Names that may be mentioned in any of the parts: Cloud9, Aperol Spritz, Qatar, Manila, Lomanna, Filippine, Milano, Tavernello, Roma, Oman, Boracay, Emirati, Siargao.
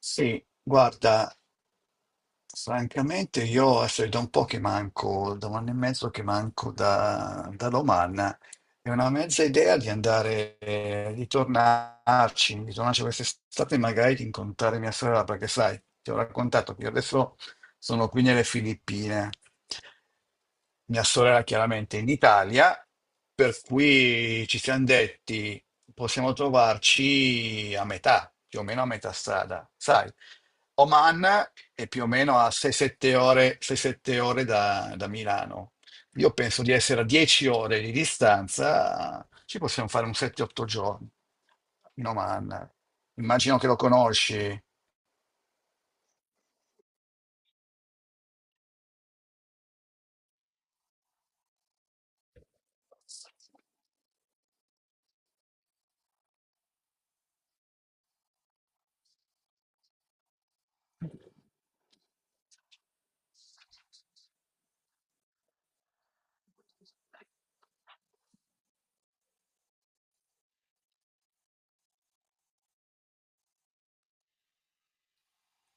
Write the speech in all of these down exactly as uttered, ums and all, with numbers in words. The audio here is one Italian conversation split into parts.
Sì, guarda, francamente io adesso è da un po' che manco, da un anno e mezzo che manco da, da Lomanna, è una mezza idea di andare, eh, di tornarci, di tornarci quest'estate e magari di incontrare mia sorella, perché sai, ti ho raccontato che io adesso sono qui nelle Filippine, mia sorella chiaramente in Italia, per cui ci siamo detti possiamo trovarci a metà, più o meno a metà strada. Sai, Oman è più o meno a sei sette ore, sei sette ore da, da Milano. Io penso di essere a dieci ore di distanza, ci possiamo fare un sette otto giorni in Oman. Immagino che lo conosci.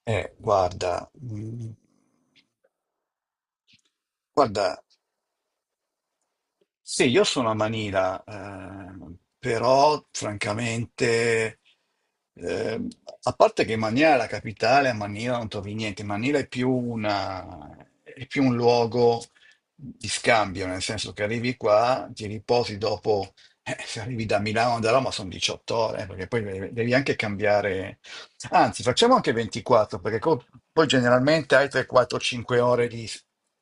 Eh, guarda, mm, guarda. Sì, io sono a Manila, ehm, però francamente, ehm, a parte che Manila è la capitale, a Manila non trovi niente, Manila è più una- è più un luogo di scambio, nel senso che arrivi qua, ti riposi dopo, eh, se arrivi da Milano o da Roma sono diciotto ore, eh, perché poi devi devi anche cambiare. Anzi, facciamo anche ventiquattro, perché co- poi generalmente hai tre, quattro, cinque ore di-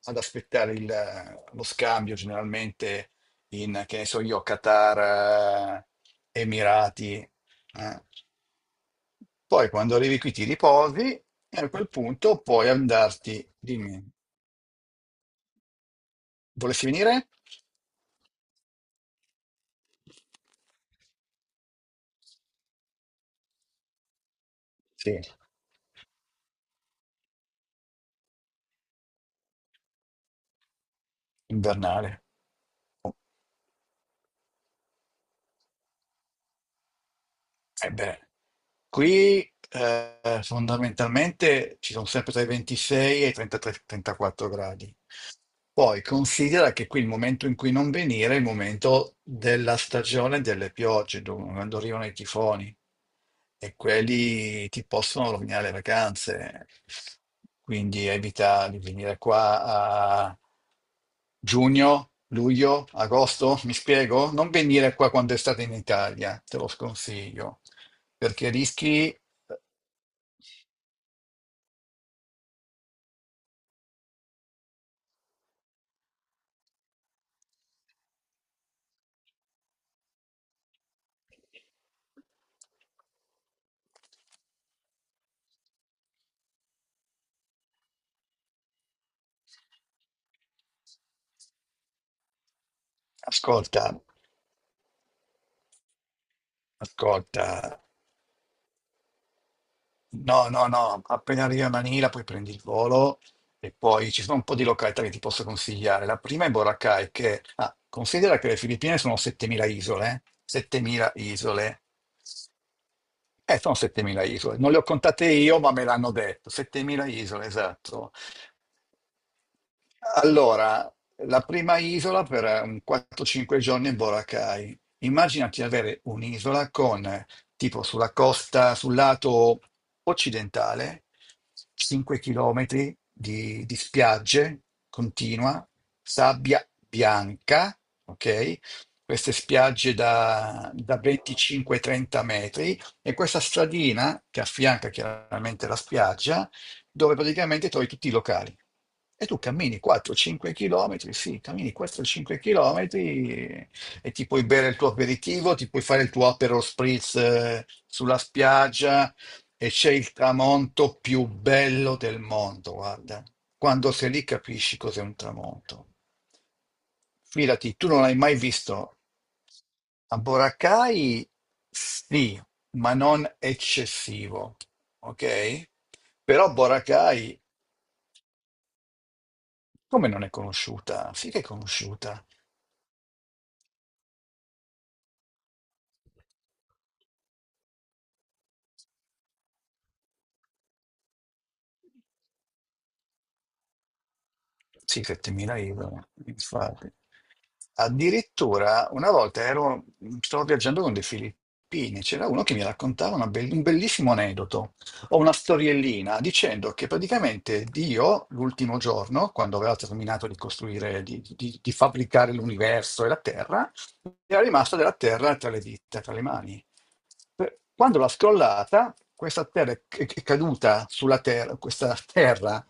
ad aspettare il- lo scambio, generalmente in, che ne so io, Qatar, eh, Emirati. eh. Poi quando arrivi qui ti riposi e a quel punto puoi andarti, dimmi, volessi venire? Sì, invernale. E beh. Qui eh, fondamentalmente ci sono sempre tra i ventisei e i trentatré o trentaquattro gradi. Poi considera che qui il momento in cui non venire è il momento della stagione delle piogge, dove- quando arrivano i tifoni e quelli ti possono rovinare le vacanze. Quindi evita di venire qua a giugno, luglio, agosto, mi spiego? Non venire qua quando è estate in Italia, te lo sconsiglio, perché rischi, ascolta, ascolta. No, no, no, appena arrivi a Manila poi prendi il volo e poi ci sono un po' di località che ti posso consigliare. La prima è Boracay, che ah, considera che le Filippine sono settemila isole, settemila isole. Eh, sono settemila isole, non le ho contate io, ma me l'hanno detto, settemila isole, esatto. Allora, la prima isola per un quattro cinque giorni è Boracay. Immaginati avere un'isola con, eh, tipo sulla costa, sul lato occidentale, cinque chilometri di, di spiagge continua, sabbia bianca, ok? Queste spiagge da, da venticinque o trenta metri e questa stradina che affianca chiaramente la spiaggia dove praticamente trovi tutti i locali. E tu cammini quattro cinque km, sì, cammini quattro cinque km e e ti puoi bere il tuo aperitivo, ti puoi fare il tuo Aperol Spritz eh, sulla spiaggia e c'è il tramonto più bello del mondo, guarda. Quando sei lì capisci cos'è un tramonto. Fidati, tu non l'hai mai visto. A Boracay sì, ma non eccessivo, ok? Però Boracay Come non è conosciuta? Sì che è conosciuta. Sì, settemila euro, infatti. Addirittura una volta ero, stavo viaggiando con dei filippini, c'era uno che mi raccontava una bell- un bellissimo aneddoto o una storiellina dicendo che praticamente Dio, l'ultimo giorno, quando aveva terminato di costruire, di, di- di fabbricare l'universo e la Terra, era rimasta della Terra tra le dita, tra le mani. Per- Quando l'ha scrollata, questa Terra è è- è caduta sulla Terra, questa Terra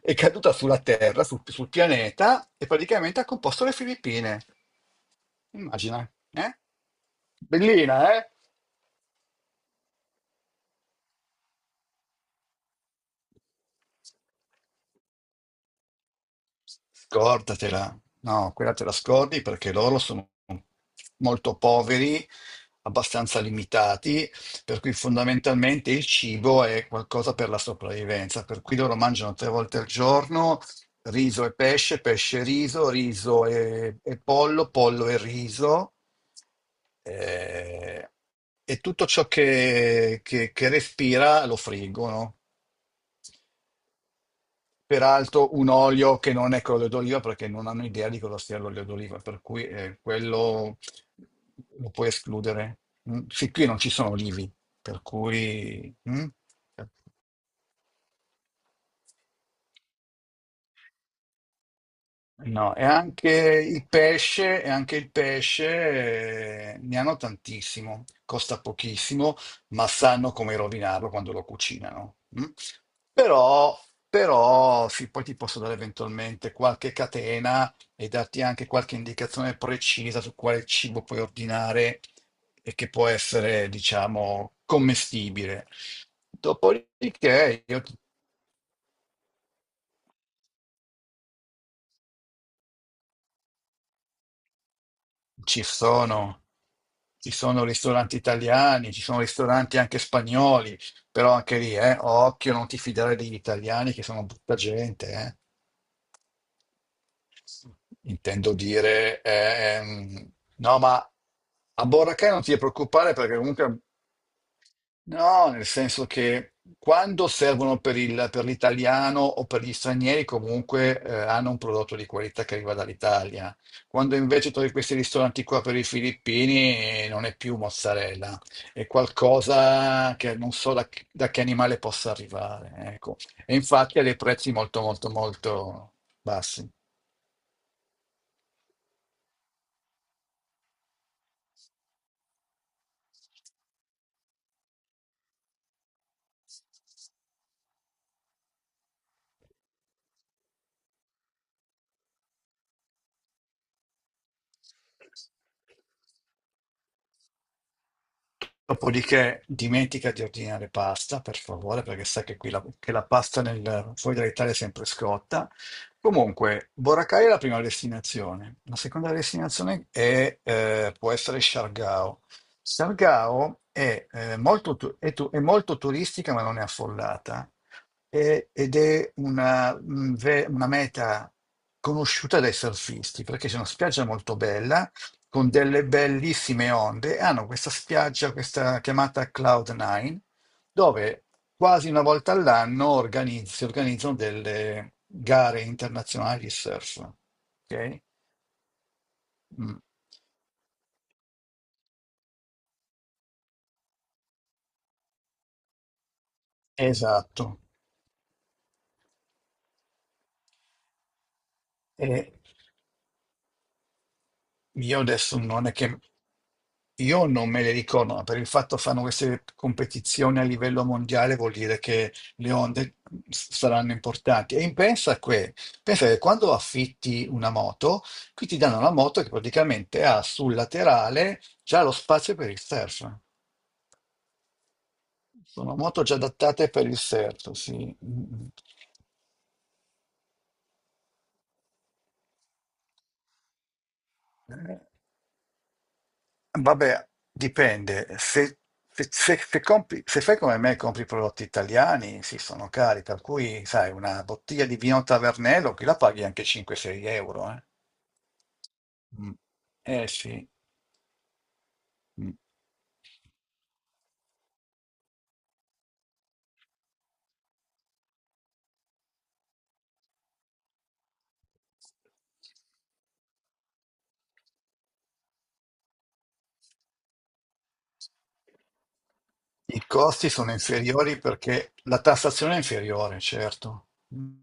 è caduta sulla Terra, sul, sul pianeta, e praticamente ha composto le Filippine. Immagina, eh? Bellina, eh? Scordatela, no, quella te la scordi perché loro sono molto poveri, abbastanza limitati, per cui fondamentalmente il cibo è qualcosa per la sopravvivenza, per cui loro mangiano tre volte al giorno riso e pesce, pesce e riso, riso e, e pollo, pollo e riso. eh, e tutto ciò che, che che respira lo friggono. Peraltro un olio che non è quello d'oliva perché non hanno idea di cosa sia l'olio d'oliva, per cui eh, quello lo puoi escludere. Mm, sì, qui non ci sono olivi, per cui... Mm. No, e anche il pesce, e anche il pesce eh, ne hanno tantissimo, costa pochissimo, ma sanno come rovinarlo quando lo cucinano. Mm? Però, però sì, poi ti posso dare eventualmente qualche catena e darti anche qualche indicazione precisa su quale cibo puoi ordinare e che può essere, diciamo, commestibile. Dopodiché io ti Ci sono, ci sono ristoranti italiani, ci sono ristoranti anche spagnoli, però anche lì, eh, occhio, non ti fidare degli italiani che sono brutta gente, eh. Intendo dire, ehm, no, ma a Boracay non ti devi preoccupare perché comunque, no, nel senso che quando servono per il- per l'italiano o per gli stranieri comunque eh, hanno un prodotto di qualità che arriva dall'Italia. Quando invece trovi questi ristoranti qua per i filippini eh, non è più mozzarella, è qualcosa che non so da, che da che animale possa arrivare, ecco. E infatti ha dei prezzi molto, molto, molto bassi. Dopodiché dimentica di ordinare pasta, per favore, perché sa che qui la, che la pasta nel, fuori dall'Italia è sempre scotta. Comunque, Boracay è la prima destinazione. La seconda destinazione è, eh, può essere Siargao. Siargao è, eh, molto, tu- è tu- è molto turistica, ma non è affollata, e- ed è una, mm, ve- una meta conosciuta dai surfisti, perché c'è una spiaggia molto bella con delle bellissime onde, e hanno questa spiaggia, questa chiamata Cloud nine, dove quasi una volta all'anno organizz- si organizzano delle gare internazionali di surf. Ok? Mm. Esatto. Io adesso non è che io non me le ricordo, ma per il fatto che fanno queste competizioni a livello mondiale vuol dire che le onde s- saranno importanti. E in- pensa che, pensa che quando affitti una moto, qui ti danno una moto che praticamente ha sul laterale già lo spazio per il surf. Sono moto già adattate per il surf, sì. Mm. Mm. Eh, vabbè, dipende. Se, se- se- se compri- se fai come me e compri prodotti italiani, sì, sono cari, per cui, sai, una bottiglia di vino Tavernello, qui la paghi anche cinque-sei euro, eh. Mm. Eh sì. Mm. I costi sono inferiori perché la tassazione è inferiore, certo. Mm.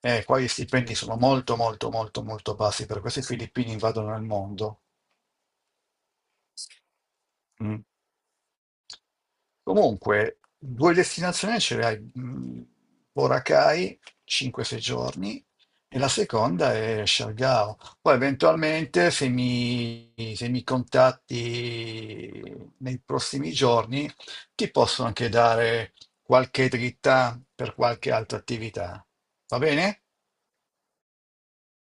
Eh, qua gli stipendi sono molto, molto, molto, molto bassi, per questo i filippini invadono il mondo. Mm. Comunque, due destinazioni ce le hai, mh, Boracay, cinque sei giorni, e la seconda è Siargao. Poi eventualmente, se mi, se mi contatti nei prossimi giorni, ti posso anche dare qualche dritta per qualche altra attività. Va bene?